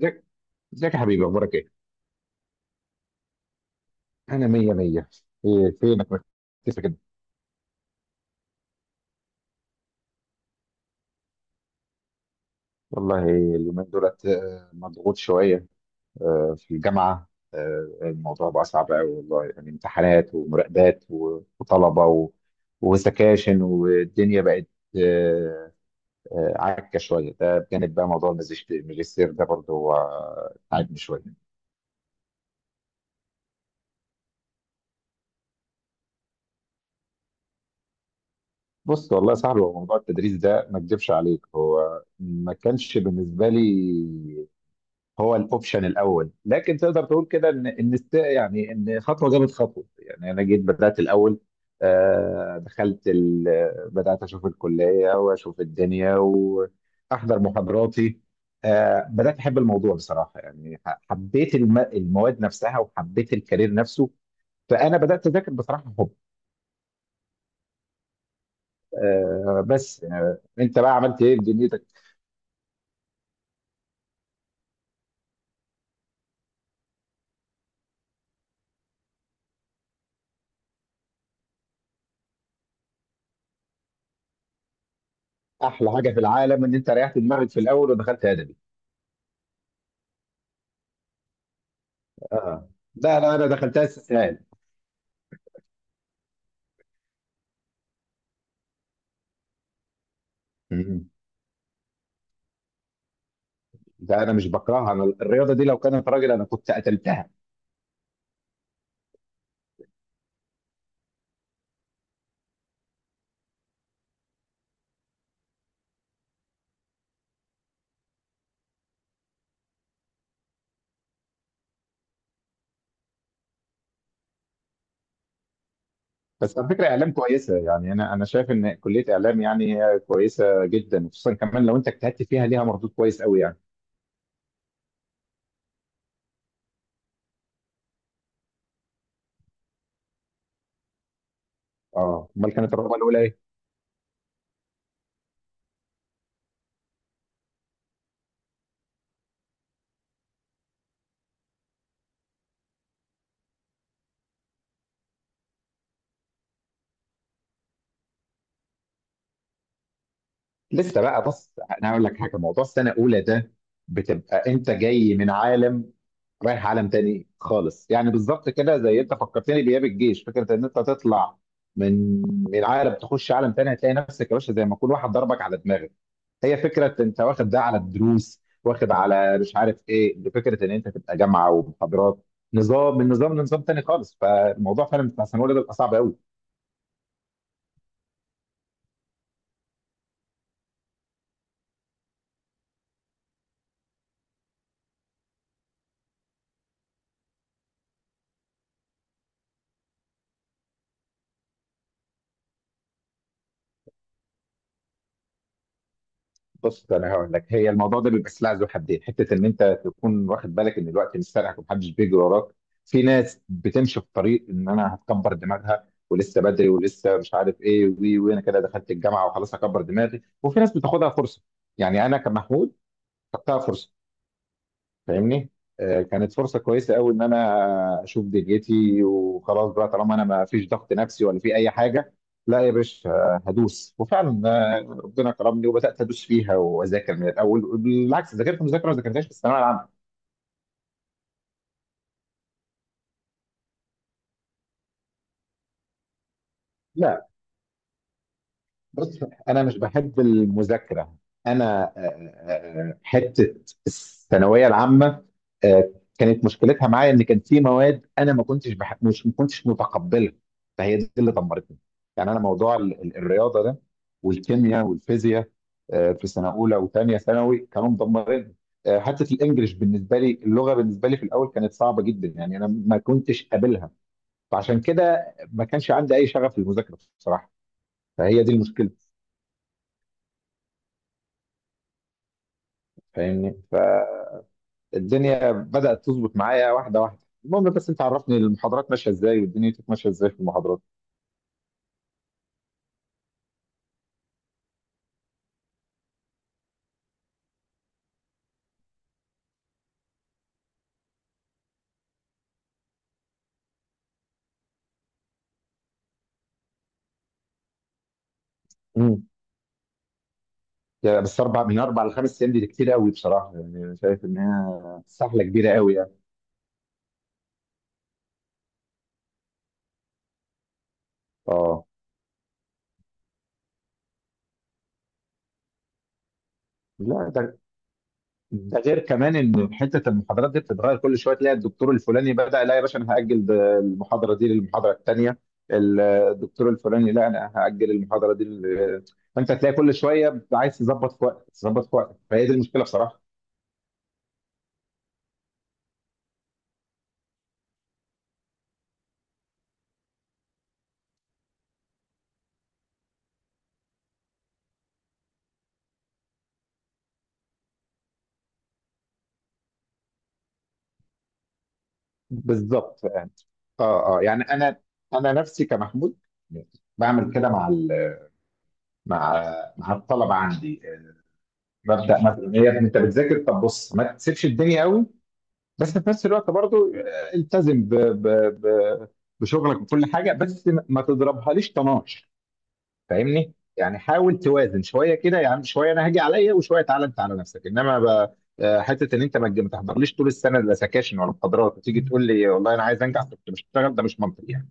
ازيك ازيك يا حبيبي، اخبارك ايه؟ انا مية مية. ايه فينك مختفي كده؟ والله اليومين دولت مضغوط شوية. في الجامعة، الموضوع بقى صعب قوي، والله يعني، امتحانات ومراقبات وطلبة وسكاشن، والدنيا بقت آه، عكة شوية. ده بجانب بقى موضوع الماجستير ده برضه هو تعبني شوية. بص والله يا صاحبي، هو موضوع التدريس ده ما اكدبش عليك، هو ما كانش بالنسبة لي هو الاوبشن الاول، لكن تقدر تقول كده يعني ان خطوه جابت خطوه، يعني انا جيت بدات الاول. بدات اشوف الكليه واشوف الدنيا واحضر محاضراتي. بدات احب الموضوع بصراحه، يعني حبيت المواد نفسها وحبيت الكارير نفسه. فانا بدات اذاكر بصراحه حب آه، بس انت بقى عملت ايه في دنيتك؟ احلى حاجه في العالم ان انت ريحت دماغك في الاول ودخلت ادبي. اه. لا لا، انا دخلتها استسهال. ده انا مش بكرهها، انا الرياضه دي لو كانت راجل انا كنت قتلتها. بس على فكره، اعلام كويسه، يعني انا شايف ان كليه اعلام يعني هي كويسه جدا، خصوصا كمان لو انت اجتهدت فيها ليها مردود كويس قوي يعني. اه، امال كانت الرغبه الاولى ايه؟ لسه بقى، بص انا هقول لك حاجه. موضوع السنه الاولى ده بتبقى انت جاي من عالم رايح عالم تاني خالص، يعني بالظبط كده، زي، انت فكرتني بايام الجيش. فكره ان انت تطلع من من عالم تخش عالم تاني، هتلاقي نفسك يا باشا زي ما يكون واحد ضربك على دماغك. هي فكره انت واخد ده على الدروس، واخد على مش عارف ايه. فكره ان انت تبقى جامعه ومحاضرات، نظام من نظام لنظام تاني خالص، فالموضوع فعلا بتاع ثانويه ده بيبقى صعب قوي. بص انا هقول لك، هي الموضوع ده بيبقى سلاح ذو حدين، حته ان انت تكون واخد بالك ان الوقت مش سارقك ومحدش بيجري وراك. في ناس بتمشي في طريق ان انا هتكبر دماغها ولسه بدري ولسه مش عارف ايه، وانا كده دخلت الجامعه وخلاص هكبر دماغي، وفي ناس بتاخدها فرصه. يعني انا كمحمود خدتها فرصه. فاهمني؟ كانت فرصه كويسه قوي، ان انا اشوف دنيتي وخلاص بقى، طالما انا ما فيش ضغط نفسي ولا في اي حاجه. لا يا باشا، هدوس وفعلا. ربنا كرمني وبدات ادوس فيها واذاكر من الاول، بالعكس ذاكرت مذاكره ما ذاكرتهاش في الثانويه العامه. لا. بص، انا مش بحب المذاكره. انا حته الثانويه العامه آه، كانت مشكلتها معايا ان كان في مواد انا ما كنتش بحب، مش ما كنتش متقبلها، فهي دي اللي دمرتني. يعني انا موضوع الرياضه ده والكيمياء والفيزياء، في سنه اولى وثانيه ثانوي كانوا مدمرين. حته الانجليش بالنسبه لي، اللغه بالنسبه لي في الاول كانت صعبه جدا، يعني انا ما كنتش قابلها، فعشان كده ما كانش عندي اي شغف للمذاكره بصراحه، فهي دي المشكله. فاهمني؟ فالدنيا بدأت تظبط معايا واحدة واحدة. المهم، بس انت عرفني المحاضرات ماشية ازاي والدنيا ماشية ازاي في المحاضرات. امم. يعني بس اربع، من اربع لخمس ايام دي كتير قوي بصراحة، يعني أنا شايف انها سحلة كبيرة قوي يعني. اه. لا، ده غير كمان ان حته المحاضرات دي بتتغير كل شويه، تلاقي الدكتور الفلاني بدأ، لا يا باشا انا هأجل المحاضرة دي للمحاضرة الثانية. الدكتور الفلاني، لا انا هأجل المحاضرة دي. فانت تلاقي كل شوية عايز تظبط في وقتك، تظبط في وقتك، فهي دي المشكلة بصراحة. بالظبط. اه اه، يعني انا نفسي كمحمود بعمل كده مع ال مع مع الطلبه عندي. ببدا مثلا، إيه يا ابني انت بتذاكر؟ طب بص، ما تسيبش الدنيا قوي، بس في نفس الوقت برضو التزم ب ب ب بشغلك وكل حاجه، بس ما تضربهاليش طناش. فاهمني؟ يعني حاول توازن شويه كده، يعني شويه انا هاجي عليا وشويه تعالى انت على نفسك، انما حته ان انت ما تحضرليش طول السنه لا سكاشن ولا محاضرات وتيجي تقول لي والله انا عايز انجح كنت بشتغل، ده مش منطقي يعني.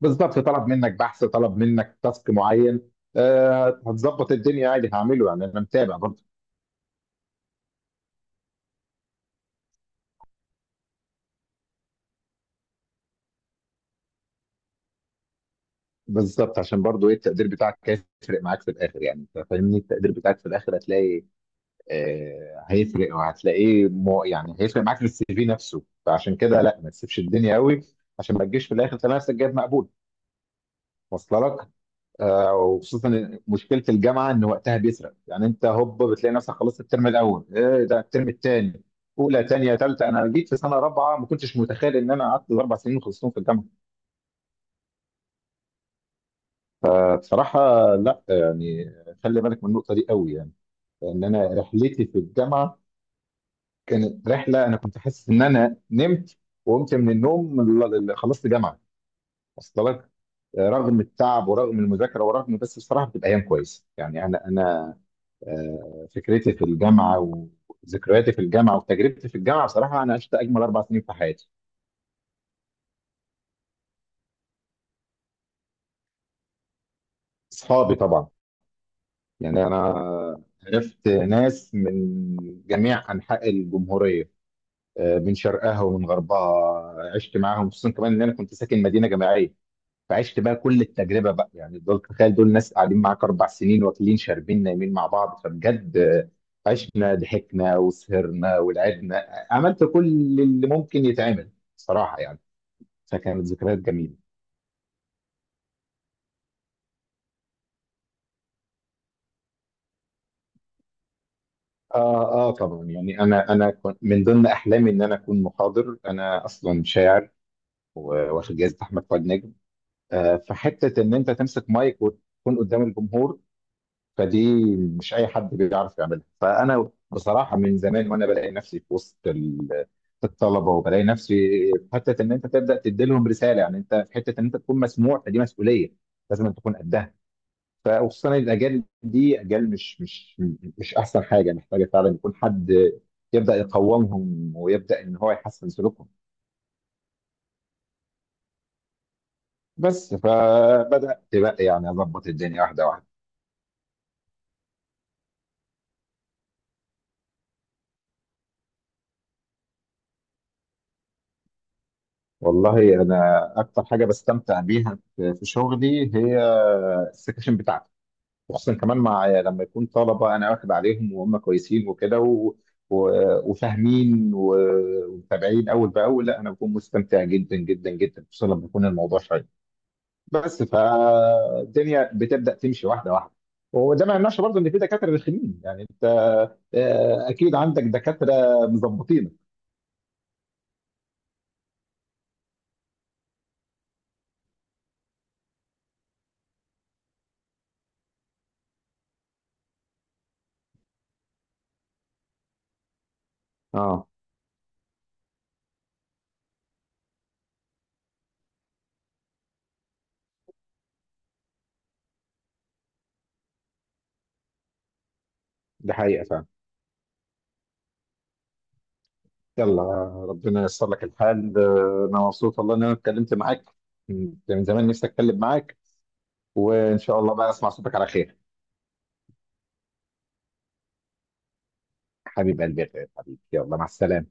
بالظبط، طلب منك بحث، طلب منك تاسك معين، هتظبط الدنيا عادي، هعمله يعني انا متابع برضه. بالظبط، عشان برضه ايه، التقدير بتاعك هيفرق معاك في الاخر، يعني انت فاهمني، التقدير بتاعك في الاخر هتلاقي هيفرق، وهتلاقيه يعني هيفرق معاك في السي في نفسه، فعشان كده لا، ما تسيبش الدنيا قوي عشان ما تجيش في الاخر تلاقي نفسك جايب مقبول. واصله لك؟ وخصوصا مشكله الجامعه ان وقتها بيسرق، يعني انت هوب بتلاقي نفسك خلصت الترم الاول، ايه ده الترم الثاني، اولى ثانيه ثالثه، انا جيت في سنه رابعه، ما كنتش متخيل ان انا قعدت اربع سنين خلصتهم في الجامعه بصراحه. لا يعني، خلي بالك من النقطه دي قوي يعني، لان انا رحلتي في الجامعه كانت رحله، انا كنت حاسس ان انا نمت وقمت من النوم خلصت جامعه. اصل لك؟ رغم التعب ورغم المذاكره ورغم، بس بصراحه بتبقى ايام كويسه يعني، انا فكرتي في الجامعه وذكرياتي في الجامعه وتجربتي في الجامعه، بصراحه انا عشت اجمل اربع سنين في حياتي. اصحابي طبعا، يعني انا عرفت ناس من جميع انحاء الجمهوريه، من شرقها ومن غربها، عشت معاهم، خصوصا كمان ان انا كنت ساكن مدينه جامعيه، فعشت بقى كل التجربه بقى. يعني دول، تخيل، دول ناس قاعدين معاك اربع سنين واكلين شاربين نايمين مع بعض، فبجد عشنا ضحكنا وسهرنا ولعبنا، عملت كل اللي ممكن يتعمل صراحه يعني، فكانت ذكريات جميله. اه اه طبعا، يعني انا كنت من ضمن احلامي ان انا اكون محاضر. انا اصلا شاعر واخد جائزه احمد فؤاد نجم. فحته ان انت تمسك مايك وتكون قدام الجمهور، فدي مش اي حد بيعرف يعملها. فانا بصراحه من زمان وانا بلاقي نفسي في وسط الطلبه، وبلاقي نفسي في حته ان انت تبدا تدي لهم رساله، يعني انت في حته ان انت تكون مسموع، فدي مسؤوليه لازم أن تكون قدها. فخصوصا الاجيال دي اجيال مش احسن حاجه، محتاجه فعلا يكون حد يبدا يقومهم ويبدا ان هو يحسن سلوكهم. بس فبدات بقى يعني اظبط الدنيا واحده واحده. والله انا اكتر حاجه بستمتع بيها في شغلي هي السكاشن بتاعتي، وخصوصا كمان مع لما يكون طلبه انا واخد عليهم وهم كويسين وكده وفاهمين ومتابعين اول باول، لا انا بكون مستمتع جدا جدا جدا، خصوصا لما يكون الموضوع شيق. بس فالدنيا بتبدا تمشي واحده واحده. وده ما يمنعش برضه ان في دكاتره رخمين، يعني انت اكيد عندك دكاتره مظبطينك. اه، دي حقيقه فعلا. يلا، ربنا ييسر لك الحال. انا مبسوط والله ان انا اتكلمت معاك، كنت من زمان نفسي اتكلم معاك، وان شاء الله بقى اسمع صوتك على خير. حبيب قلبي يا غالي، حبيبي يلا مع السلامه.